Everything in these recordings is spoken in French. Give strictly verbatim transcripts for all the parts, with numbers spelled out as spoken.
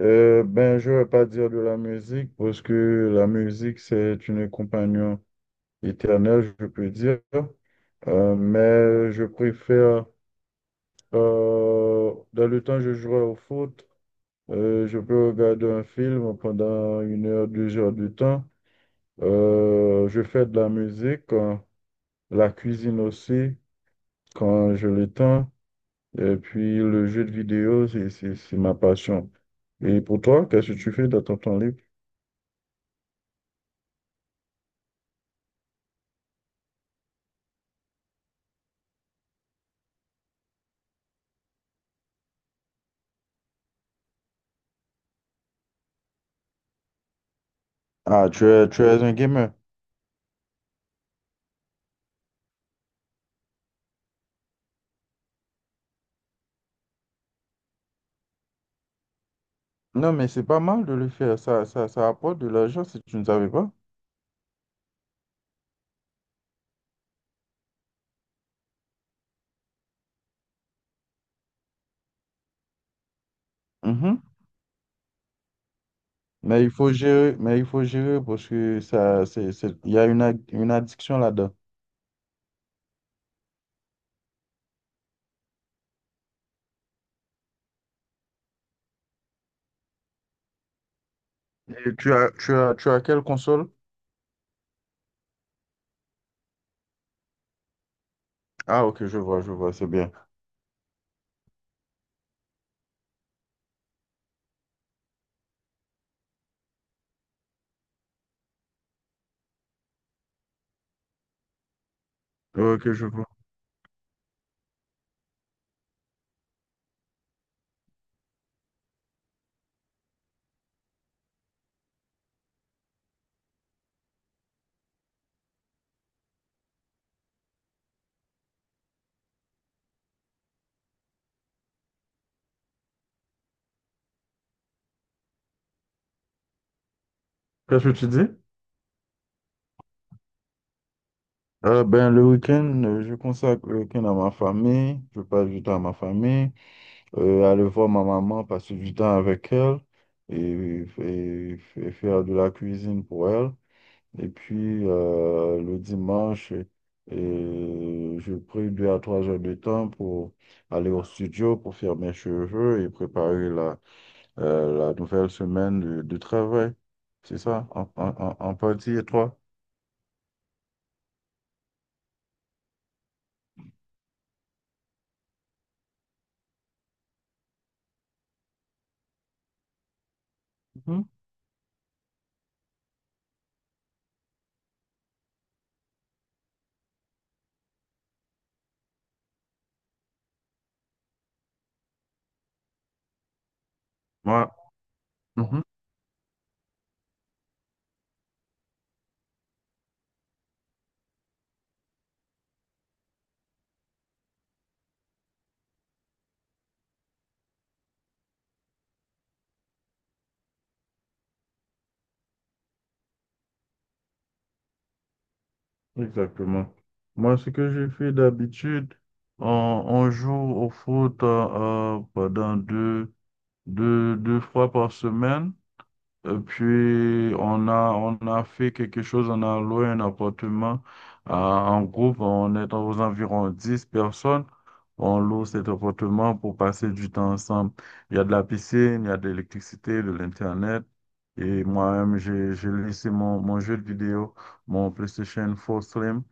Euh, ben, je vais pas dire de la musique parce que la musique, c'est une compagnon éternelle, je peux dire. Euh, mais je préfère, euh, dans le temps, je jouais au foot. Euh, je peux regarder un film pendant une heure, deux heures de temps. Euh, je fais de la musique, euh, la cuisine aussi, quand je le temps. Et puis, le jeu de vidéo, c'est, c'est, c'est ma passion. Et pour toi, qu'est-ce que tu fais dans ton temps libre? Ah, tu es, tu es un gamer. Non, mais c'est pas mal de le faire. Ça, ça, ça apporte de l'argent si tu ne savais pas. Mhm. Mais il faut gérer, mais il faut gérer parce que ça, c'est, c'est- il y a une, ad- une addiction là-dedans. Et tu as, tu as, tu as quelle console? Ah, ok, je vois, je vois, c'est bien. Ok, je vois. Qu'est-ce que tu dis? Euh, ben, le week-end, euh, je consacre le week-end à ma famille, je passe du temps à ma famille, euh, aller voir ma maman, passer du temps avec elle et, et- et faire de la cuisine pour elle. Et puis euh, le dimanche, euh, je prie deux à trois heures de temps pour aller au studio pour faire mes cheveux et préparer la, euh, la nouvelle semaine de, de travail. C'est ça, en, en, en en partie, et toi? Mhm. Ouais. Exactement. Moi, ce que je fais d'habitude, on, on joue au foot euh, euh, pendant deux, deux, deux fois par semaine. Et puis, on a, on a fait quelque chose, on a loué un appartement euh, en groupe, on est aux environs dix personnes. On loue cet appartement pour passer du temps ensemble. Il y a de la piscine, il y a de l'électricité, de l'Internet. Et moi-même, j'ai, j'ai laissé mon, mon jeu de vidéo, mon PlayStation quatre Slim.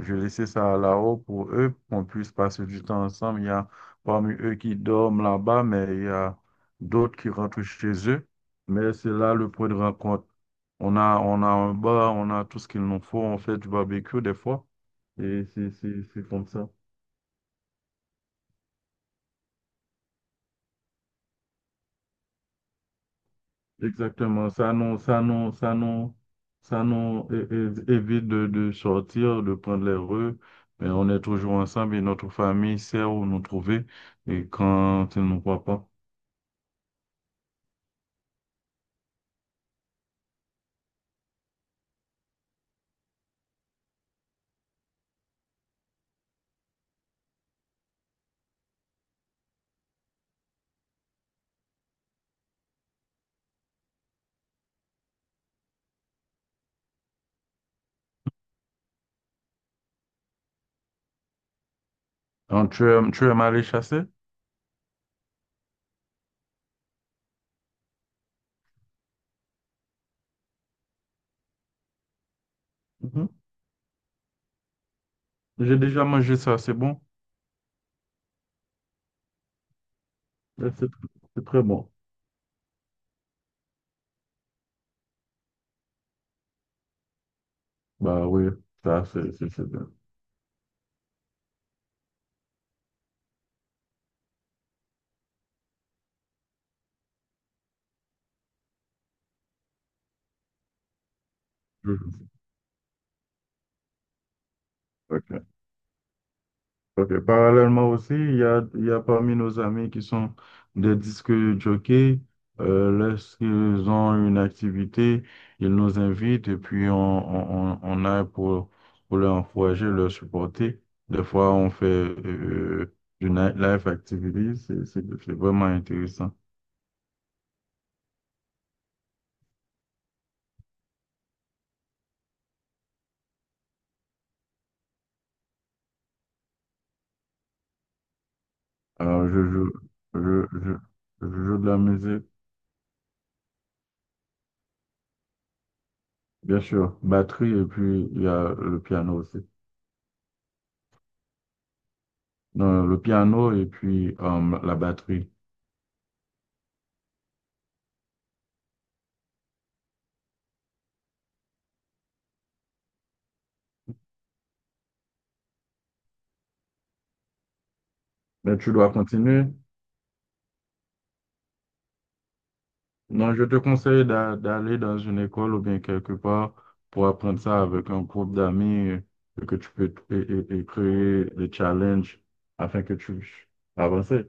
J'ai laissé ça là-haut pour eux, pour qu'on puisse passer du temps ensemble. Il y a parmi eux qui dorment là-bas, mais il y a d'autres qui rentrent chez eux. Mais c'est là le point de rencontre. On a, on a un bar, on a tout ce qu'il nous faut. On fait du barbecue des fois. Et c'est c'est- c'est comme ça. Exactement. Ça nous, ça nous, ça nous, ça nous é- é- évite de, de sortir, de prendre les rues. Mais on est toujours ensemble et notre famille sait où nous trouver et quand ils ne nous voient pas. Donc, tu aimes, tu aimes aller chasser? Mhm. J'ai déjà mangé ça, c'est bon? Mais C'est c'est très bon. Bah oui, ça, c'est c'est- c'est bien. Mhm. Ok. Ok. Parallèlement aussi, il y a, il y a parmi nos amis qui sont des disques jockeys. Euh, lorsqu'ils ont une activité, ils nous invitent et puis on, on, on on aille pour, pour les encourager, leur supporter. Des fois, on fait euh, du nightlife activity. C'est c'est- c'est vraiment intéressant. Alors, je joue, je, je, je joue de la musique, bien sûr, batterie, et puis il y a le piano aussi. Non, le piano et puis euh, la batterie. Mais tu dois continuer. Non, je te conseille d'a- d'aller dans une école ou bien quelque part pour apprendre ça avec un groupe d'amis euh, et que tu peux t- et, et- et créer des challenges afin que tu puisses avancer.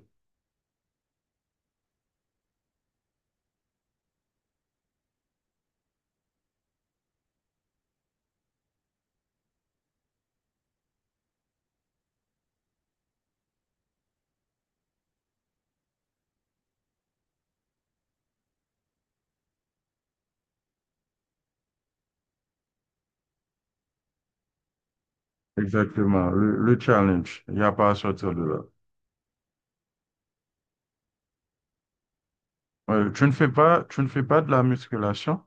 Exactement, le, le challenge. Il n'y a pas à sortir de là. Ouais, tu ne fais pas, tu ne fais pas de la musculation?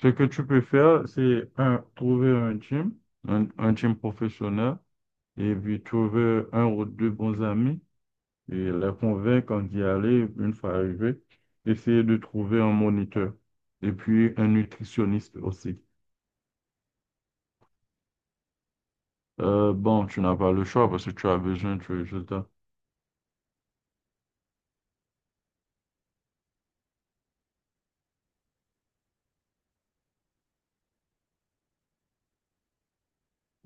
Ce que tu peux faire, c'est un, trouver un gym, un, un gym professionnel, et puis trouver un ou deux bons amis et les convaincre d'y aller une fois arrivé. Essayer de trouver un moniteur et puis un nutritionniste aussi. Euh, bon, tu n'as pas le choix parce que tu as besoin de résultats.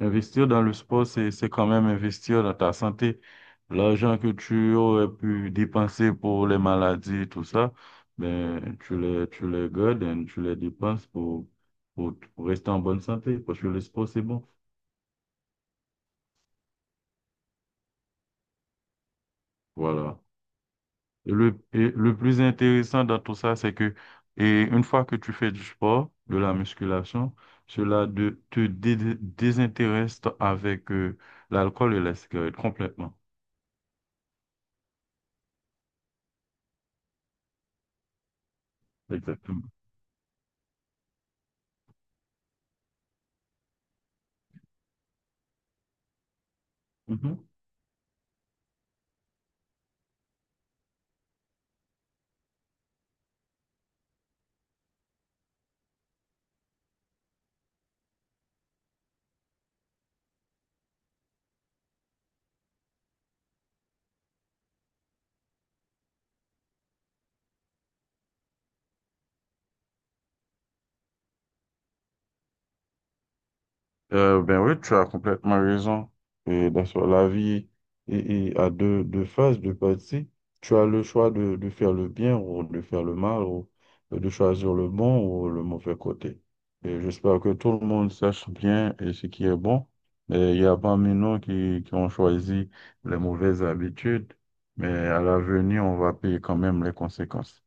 Investir dans le sport, c'est, c'est quand même investir dans ta santé. L'argent que tu aurais pu dépenser pour les maladies et tout ça, ben, tu les, tu les gardes et tu les dépenses pour, pour, pour rester en bonne santé, parce que le sport, c'est bon. Voilà. Et le, et le plus intéressant dans tout ça, c'est que, et une fois que tu fais du sport, de la musculation, cela de, te dé- désintéresse avec euh, l'alcool et la cigarette complètement. Exactement. Euh, ben oui, tu as complètement raison. Et dans ce- la vie et, et a deux, deux phases, deux parties. Tu as le choix de, de faire le bien ou de faire le mal ou euh, de choisir le bon ou le mauvais côté. Et j'espère que tout le monde sache bien et ce qui est bon. Et il y a parmi nous qui, qui ont choisi les mauvaises habitudes, mais à l'avenir, on va payer quand même les conséquences.